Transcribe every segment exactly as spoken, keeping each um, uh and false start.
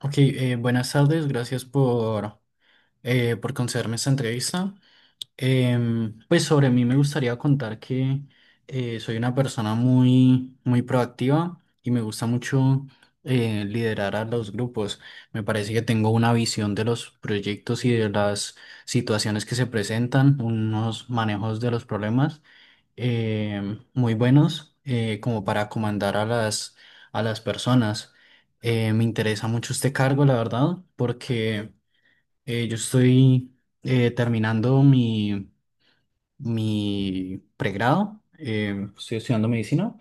Ok, eh, buenas tardes, gracias por, eh, por concederme esta entrevista. Em, pues sobre mí me gustaría contar que eh, soy una persona muy, muy proactiva y me gusta mucho eh, liderar a los grupos. Me parece que tengo una visión de los proyectos y de las situaciones que se presentan, unos manejos de los problemas eh, muy buenos eh, como para comandar a las, a las personas. Eh, me interesa mucho este cargo, la verdad, porque eh, yo estoy eh, terminando mi, mi pregrado, eh, estoy estudiando medicina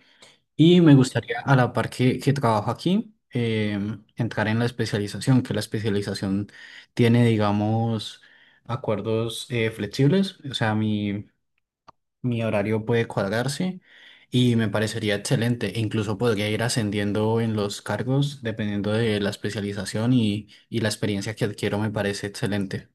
y me gustaría a la par que, que trabajo aquí. Eh, entrar en la especialización, que la especialización tiene, digamos, acuerdos eh, flexibles. O sea, mi, mi horario puede cuadrarse y me parecería excelente. E incluso podría ir ascendiendo en los cargos dependiendo de la especialización y, y la experiencia que adquiero me parece excelente.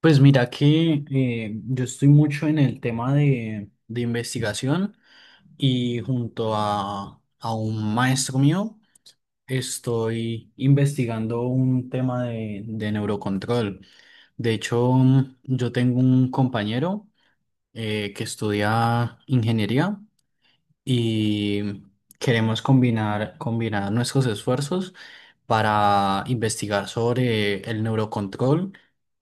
Pues mira que eh, yo estoy mucho en el tema de, de investigación y junto a, a un maestro mío estoy investigando un tema de, de neurocontrol. De hecho, yo tengo un compañero. eh, que estudia ingeniería y queremos combinar, combinar nuestros esfuerzos para investigar sobre el neurocontrol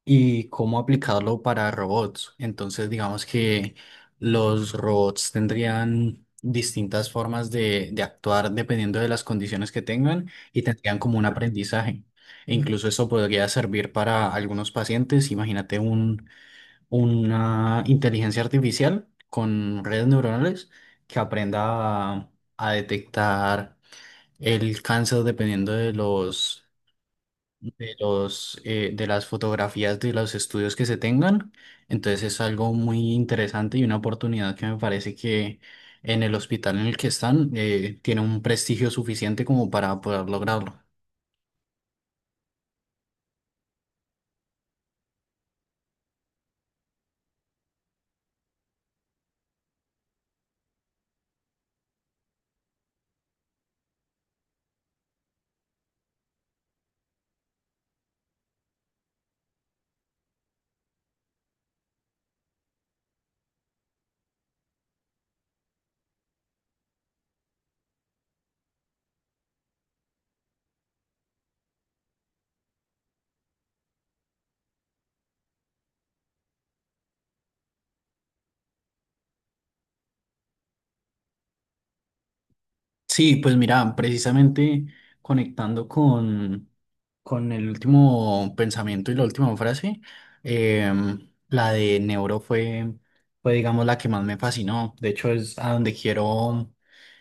y cómo aplicarlo para robots. Entonces, digamos que los robots tendrían distintas formas de, de actuar dependiendo de las condiciones que tengan y tendrían como un aprendizaje. E incluso eso podría servir para algunos pacientes. Imagínate un una inteligencia artificial con redes neuronales que aprenda a, a detectar el cáncer dependiendo de los de los eh, de las fotografías de los estudios que se tengan. Entonces es algo muy interesante y una oportunidad que me parece que en el hospital en el que están eh, tiene un prestigio suficiente como para poder lograrlo. Sí, pues mira, precisamente conectando con, con el último pensamiento y la última frase, em, la de Neuro fue, fue, digamos, la que más me fascinó. De hecho, es a donde quiero,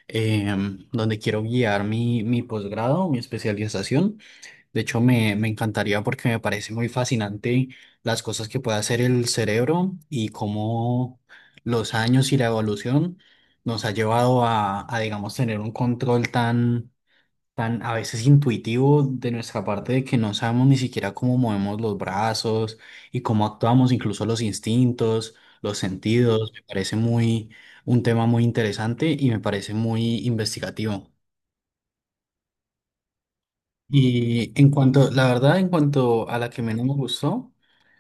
em, donde quiero guiar mi, mi posgrado, mi especialización. De hecho, me, me encantaría porque me parece muy fascinante las cosas que puede hacer el cerebro y cómo los años y la evolución nos ha llevado a, a, digamos, tener un control tan, tan a veces intuitivo de nuestra parte de que no sabemos ni siquiera cómo movemos los brazos y cómo actuamos, incluso los instintos, los sentidos. Me parece muy, un tema muy interesante y me parece muy investigativo. Y en cuanto, la verdad, en cuanto a la que menos me gustó,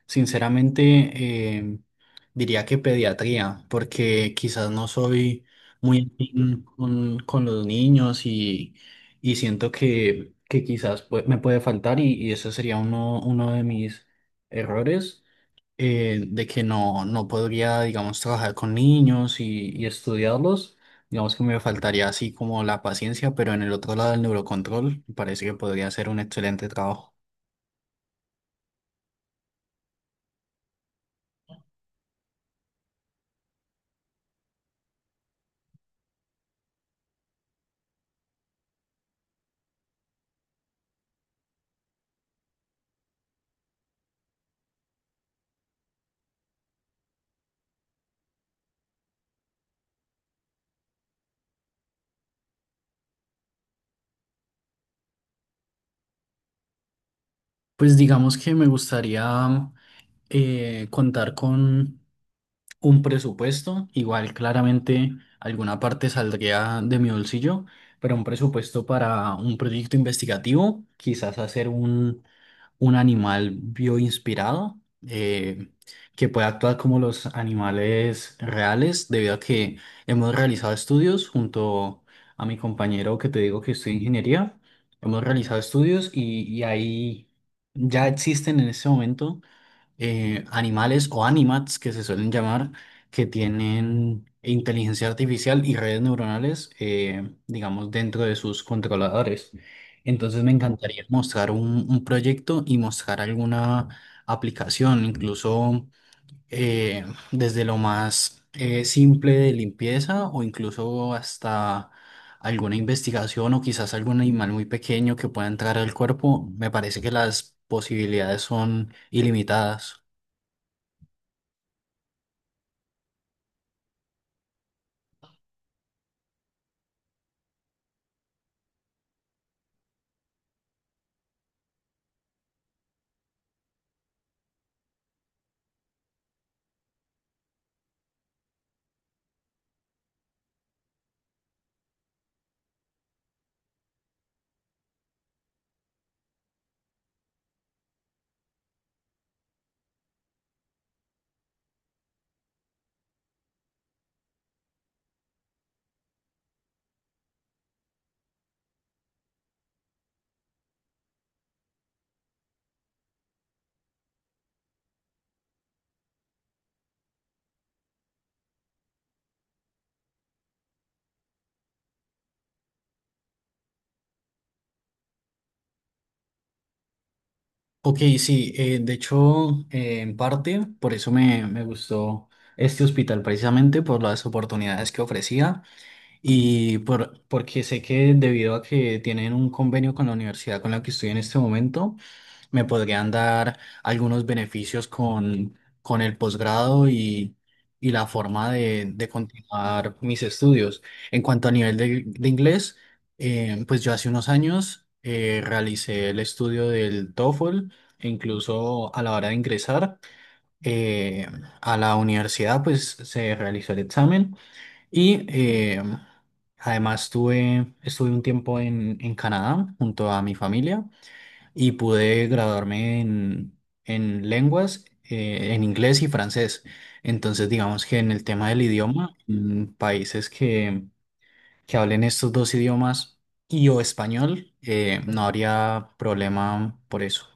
sinceramente eh, diría que pediatría, porque quizás no soy muy afín con, con los niños y, y siento que, que quizás pue- me puede faltar y, y ese sería uno, uno de mis errores eh, de que no, no podría, digamos, trabajar con niños y, y estudiarlos. Digamos que me faltaría así como la paciencia, pero en el otro lado del neurocontrol parece que podría ser un excelente trabajo. Pues digamos que me gustaría eh, contar con un presupuesto, igual claramente alguna parte saldría de mi bolsillo, pero un presupuesto para un proyecto investigativo, quizás hacer un un animal bioinspirado eh, que puede actuar como los animales reales, debido a que hemos realizado estudios junto a mi compañero que te digo que estudia ingeniería. Hemos realizado estudios y, y ahí ya existen en este momento eh, animales o animats que se suelen llamar, que tienen inteligencia artificial y redes neuronales, eh, digamos, dentro de sus controladores. Entonces me encantaría mostrar un, un proyecto y mostrar alguna aplicación, incluso eh, desde lo más eh, simple de limpieza o incluso hasta alguna investigación o quizás algún animal muy pequeño que pueda entrar al cuerpo. Me parece que las posibilidades son ilimitadas. Ok, sí, eh, de hecho, eh, en parte, por eso me, me gustó este hospital, precisamente por las oportunidades que ofrecía. Y por, porque sé que debido a que tienen un convenio con la universidad con la que estoy en este momento, me podrían dar algunos beneficios con, con el posgrado y, y la forma de, de continuar mis estudios. En cuanto a nivel de, de inglés, eh, pues yo hace unos años eh, realicé el estudio del TOEFL e incluso a la hora de ingresar eh, a la universidad, pues se realizó el examen. Y eh, además estuve, estuve un tiempo en, en Canadá junto a mi familia y pude graduarme en, en lenguas, eh, en inglés y francés. Entonces, digamos que en el tema del idioma, en países que, que hablen estos dos idiomas y o español, eh, no habría problema por eso.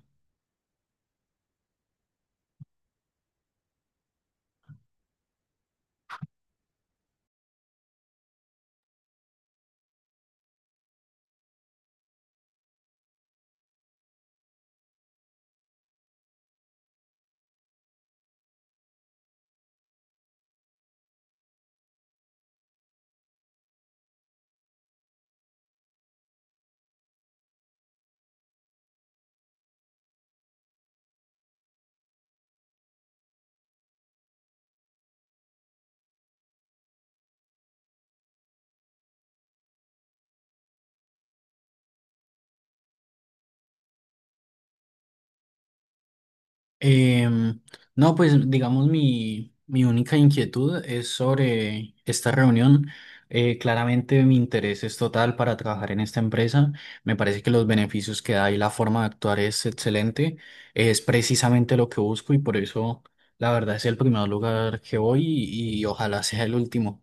Em, no, pues digamos mi, mi única inquietud es sobre esta reunión. Eh, claramente mi interés es total para trabajar en esta empresa. Me parece que los beneficios que da y la forma de actuar es excelente. Es precisamente lo que busco y por eso la verdad es el primer lugar que voy y y ojalá sea el último.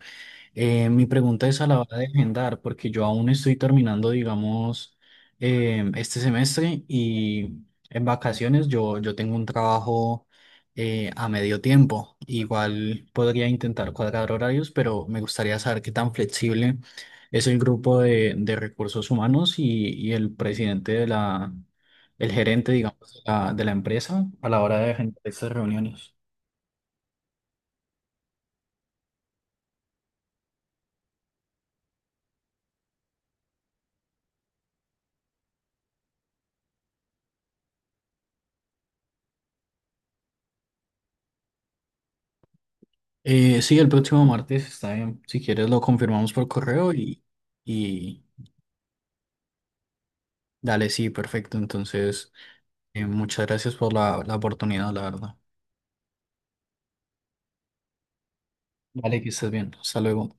Eh, mi pregunta es a la hora de agendar, porque yo aún estoy terminando, digamos, em, este semestre y en vacaciones yo, yo tengo un trabajo eh, a medio tiempo. Igual podría intentar cuadrar horarios, pero me gustaría saber qué tan flexible es el grupo de, de recursos humanos y, y el presidente de la, el gerente, digamos, de la, de la empresa a la hora de agendar estas reuniones. Eh, sí, el próximo martes está bien. Si quieres lo confirmamos por correo y, y dale, sí, perfecto. Entonces, eh, muchas gracias por la, la oportunidad, la verdad. Vale, que estés bien. Hasta luego.